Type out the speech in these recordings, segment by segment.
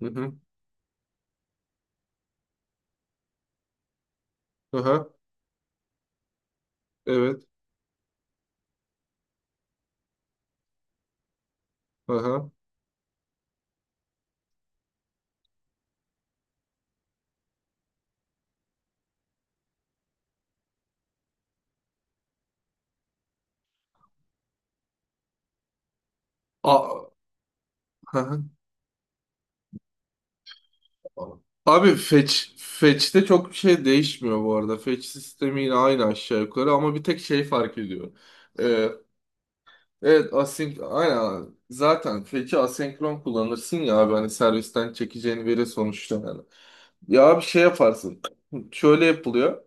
Hı hı. Aha, evet. Aha. A aha. Abi fetch'te çok bir şey değişmiyor bu arada. Fetch sistemi yine aynı aşağı yukarı ama bir tek şey fark ediyor. Ee, evet, async aynen zaten fetch'i asenkron kullanırsın ya abi hani servisten çekeceğin veri sonuçta yani. Ya bir şey yaparsın. Şöyle yapılıyor.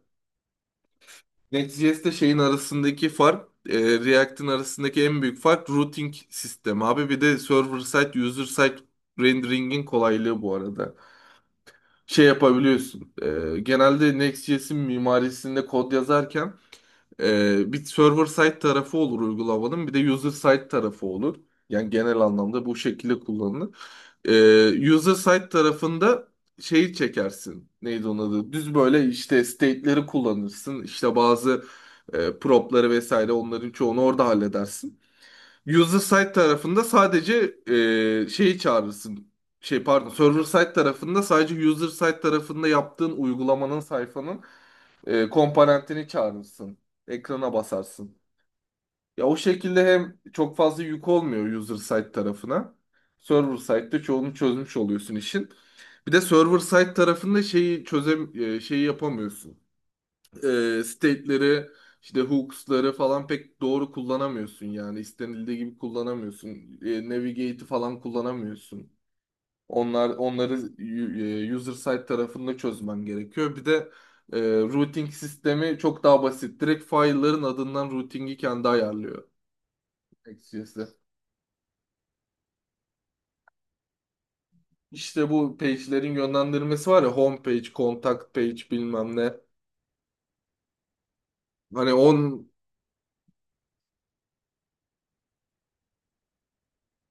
Neticesinde şeyin arasındaki fark, React'in arasındaki en büyük fark routing sistemi abi. Bir de server side, user side rendering'in kolaylığı bu arada. Şey yapabiliyorsun. Genelde Next.js'in mimarisinde kod yazarken bir server side tarafı olur uygulamanın, bir de user side tarafı olur. Yani genel anlamda bu şekilde kullanılır. User side tarafında şeyi çekersin. Neydi onun adı? Düz böyle işte state'leri kullanırsın. İşte bazı prop'ları vesaire onların çoğunu orada halledersin. User side tarafında sadece şeyi çağırırsın. Şey pardon, server side tarafında sadece user side tarafında yaptığın uygulamanın sayfanın komponentini çağırırsın. Ekrana basarsın. Ya o şekilde hem çok fazla yük olmuyor user side tarafına. Server side'de çoğunu çözmüş oluyorsun işin. Bir de server side tarafında şeyi yapamıyorsun. State'leri işte hooks'ları falan pek doğru kullanamıyorsun yani istenildiği gibi kullanamıyorsun. Navigate'i falan kullanamıyorsun. Onları user side tarafında çözmen gerekiyor. Bir de routing sistemi çok daha basit. Direkt file'ların adından routing'i kendi ayarlıyor. XCS'de. İşte bu page'lerin yönlendirmesi var ya home page, contact page bilmem ne. Hani.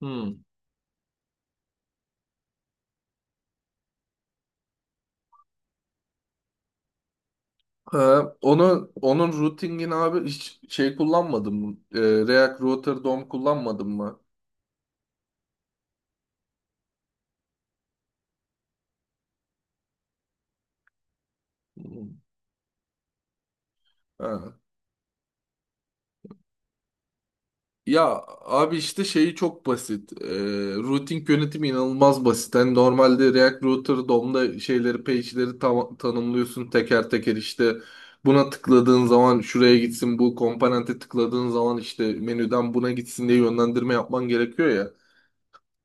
Hmm. Ha, onun routing'ini abi hiç şey kullanmadım. React Router DOM kullanmadım mı? Hmm. Ha. Ya abi işte şeyi çok basit. Routing yönetimi inanılmaz basit. Yani normalde React Router DOM'da şeyleri, page'leri tanımlıyorsun teker teker işte buna tıkladığın zaman şuraya gitsin, bu komponente tıkladığın zaman işte menüden buna gitsin diye yönlendirme yapman gerekiyor ya.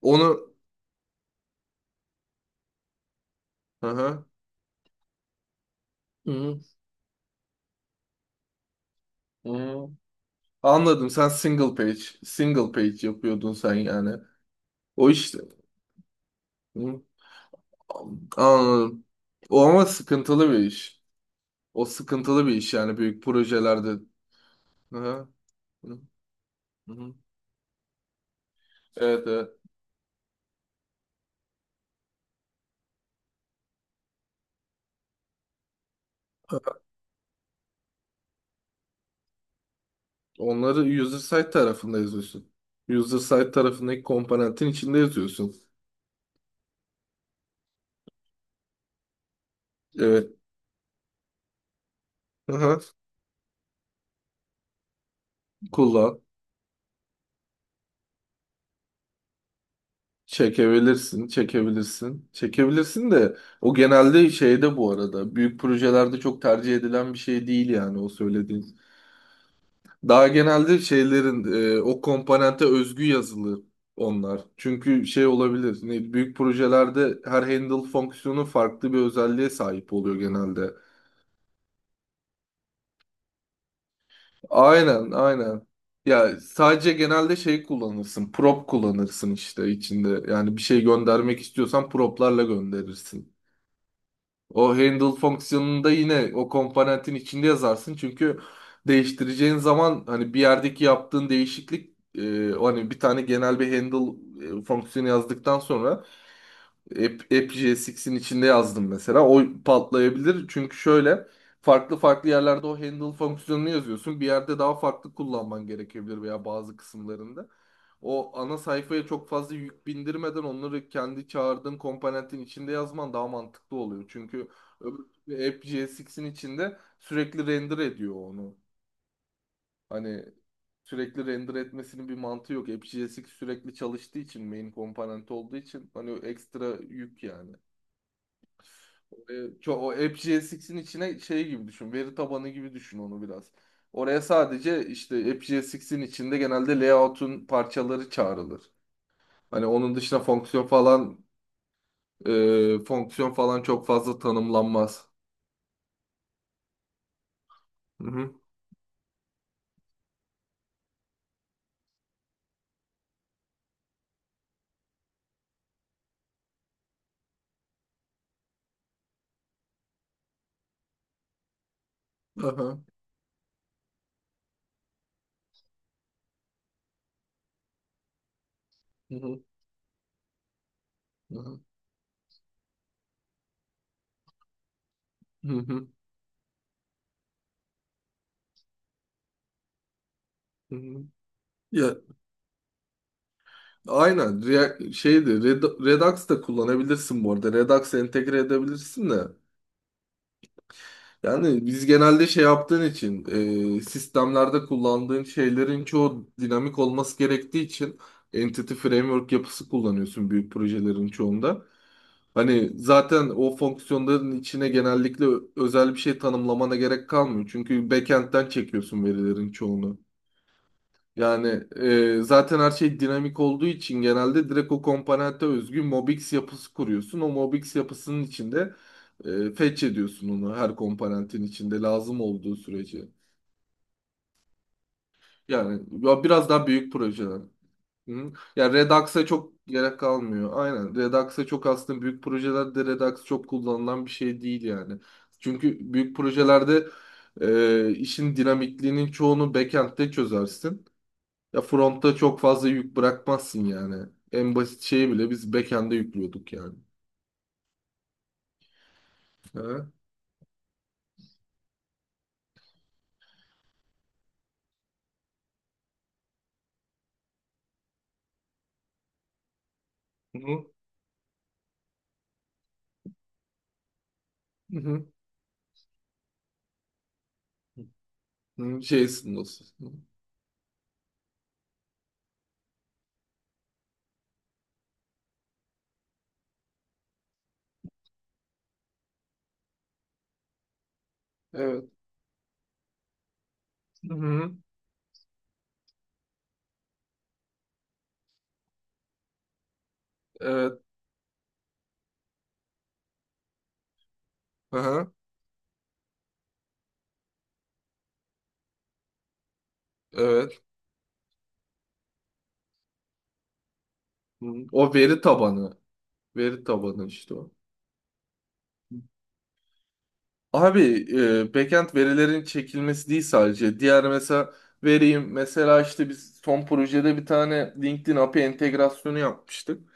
Onu hı hı, hı hı. Anladım. Sen single page yapıyordun sen yani. O işte. Hı. Anladım. O ama sıkıntılı bir iş. O sıkıntılı bir iş yani büyük projelerde. Hı hı. Hı hı. Evet, evet. Onları user side tarafında yazıyorsun. User side tarafındaki komponentin içinde yazıyorsun. Evet. Hı hı. Kullan. Çekebilirsin, çekebilirsin. Çekebilirsin de o genelde şeyde bu arada. Büyük projelerde çok tercih edilen bir şey değil yani o söylediğin. Daha genelde şeylerin o komponente özgü yazılı onlar. Çünkü şey olabilir. Ne, büyük projelerde her handle fonksiyonu farklı bir özelliğe sahip oluyor genelde. Aynen, aynen. Ya sadece genelde şey kullanırsın. Prop kullanırsın işte içinde. Yani bir şey göndermek istiyorsan proplarla gönderirsin. O handle fonksiyonunda yine o komponentin içinde yazarsın. Çünkü değiştireceğin zaman hani bir yerdeki yaptığın değişiklik o hani bir tane genel bir handle fonksiyonu yazdıktan sonra AppJSX'in içinde yazdım mesela. O patlayabilir. Çünkü şöyle farklı farklı yerlerde o handle fonksiyonunu yazıyorsun. Bir yerde daha farklı kullanman gerekebilir veya bazı kısımlarında. O ana sayfaya çok fazla yük bindirmeden onları kendi çağırdığın komponentin içinde yazman daha mantıklı oluyor. Çünkü öbür- AppJSX'in içinde sürekli render ediyor onu. Hani sürekli render etmesinin bir mantığı yok. AppJSX sürekli çalıştığı için main komponent olduğu için hani ekstra yük yani. O AppGSX'in içine şey gibi düşün. Veri tabanı gibi düşün onu biraz. Oraya sadece işte AppGSX'in içinde genelde layout'un parçaları çağrılır. Hani onun dışında fonksiyon falan çok fazla tanımlanmaz. Hı hı. Aha. Hı hı. Aha. Hı hı. Hı hı. Ya aynen React, şeydi Redux da kullanabilirsin bu arada. Redux entegre edebilirsin de. Yani biz genelde şey yaptığın için sistemlerde kullandığın şeylerin çoğu dinamik olması gerektiği için Entity Framework yapısı kullanıyorsun büyük projelerin çoğunda. Hani zaten o fonksiyonların içine genellikle özel bir şey tanımlamana gerek kalmıyor. Çünkü backend'den çekiyorsun verilerin çoğunu. Yani zaten her şey dinamik olduğu için genelde direkt o komponente özgü Mobix yapısı kuruyorsun. O Mobix yapısının içinde fetch ediyorsun onu her komponentin içinde lazım olduğu sürece. Yani ya biraz daha büyük projeler. Hı. Ya Redux'a çok gerek kalmıyor. Aynen Redux'a çok aslında büyük projelerde Redux çok kullanılan bir şey değil yani. Çünkü büyük projelerde işin dinamikliğinin çoğunu backend'de çözersin. Ya frontta çok fazla yük bırakmazsın yani. En basit şeyi bile biz backend'e yüklüyorduk yani. Ha? Hı hı. Hı hı. JSON dosyası. Evet. Hı hı. Evet. Aha. Evet. Hı. O veri tabanı. Veri tabanı işte o. Abi backend verilerin çekilmesi değil sadece. Diğer mesela vereyim. Mesela işte biz son projede bir tane LinkedIn API entegrasyonu yapmıştık.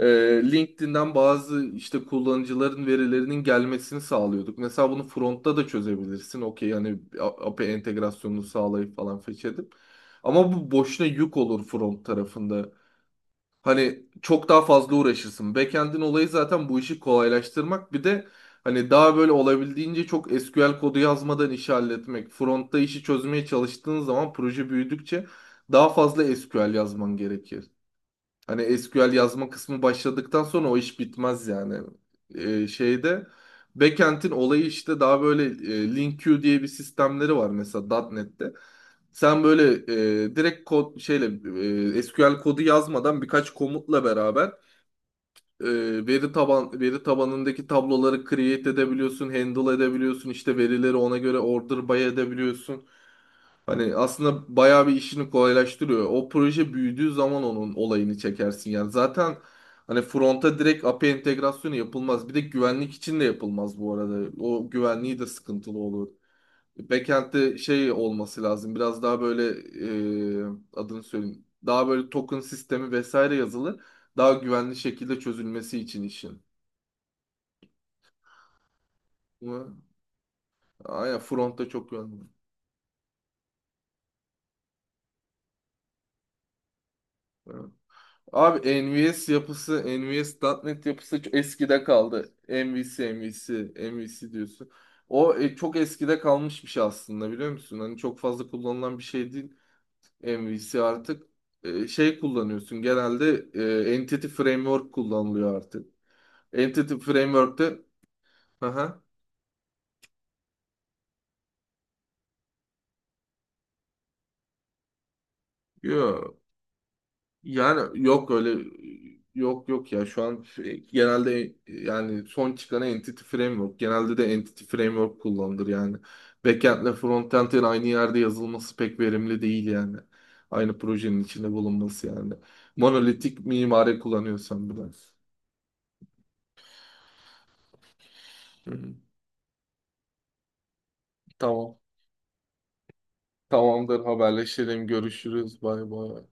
e, LinkedIn'den bazı işte kullanıcıların verilerinin gelmesini sağlıyorduk. Mesela bunu frontta da çözebilirsin. Okey yani API entegrasyonunu sağlayıp falan fetch edip. Ama bu boşuna yük olur front tarafında. Hani çok daha fazla uğraşırsın. Backend'in olayı zaten bu işi kolaylaştırmak. Bir de hani daha böyle olabildiğince çok SQL kodu yazmadan işi halletmek. Frontta işi çözmeye çalıştığın zaman proje büyüdükçe daha fazla SQL yazman gerekir. Hani SQL yazma kısmı başladıktan sonra o iş bitmez yani. Şeyde backend'in olayı işte daha böyle link-queue diye bir sistemleri var mesela .NET'te. Sen böyle direkt kod şeyle SQL kodu yazmadan birkaç komutla beraber e, veri tabanındaki tabloları create edebiliyorsun, handle edebiliyorsun, işte verileri ona göre order by edebiliyorsun. Hani aslında bayağı bir işini kolaylaştırıyor. O proje büyüdüğü zaman onun olayını çekersin yani. Zaten hani fronta direkt API entegrasyonu yapılmaz. Bir de güvenlik için de yapılmaz bu arada. O güvenliği de sıkıntılı olur. Backend'de şey olması lazım. Biraz daha böyle e, adını söyleyeyim. Daha böyle token sistemi vesaire yazılı. Daha güvenli şekilde çözülmesi için işin. Ama Aynen frontta çok güvenli. Evet. Abi NVS yapısı, NVS.NET yapısı çok eskide kaldı. MVC, MVC, MVC diyorsun. O çok eskide kalmış bir şey aslında biliyor musun? Hani çok fazla kullanılan bir şey değil MVC artık. Şey kullanıyorsun genelde Entity Framework kullanılıyor artık. Entity Framework'te... Aha, yo. Yani yok öyle yok yok ya şu an genelde yani son çıkan Entity Framework genelde de Entity Framework kullanılır yani. Backend'le frontend'in aynı yerde yazılması pek verimli değil yani. Aynı projenin içinde bulunması yani. Monolitik mimari kullanıyorsan biraz. Hı hı. Tamam. Tamamdır haberleşelim görüşürüz bay bay.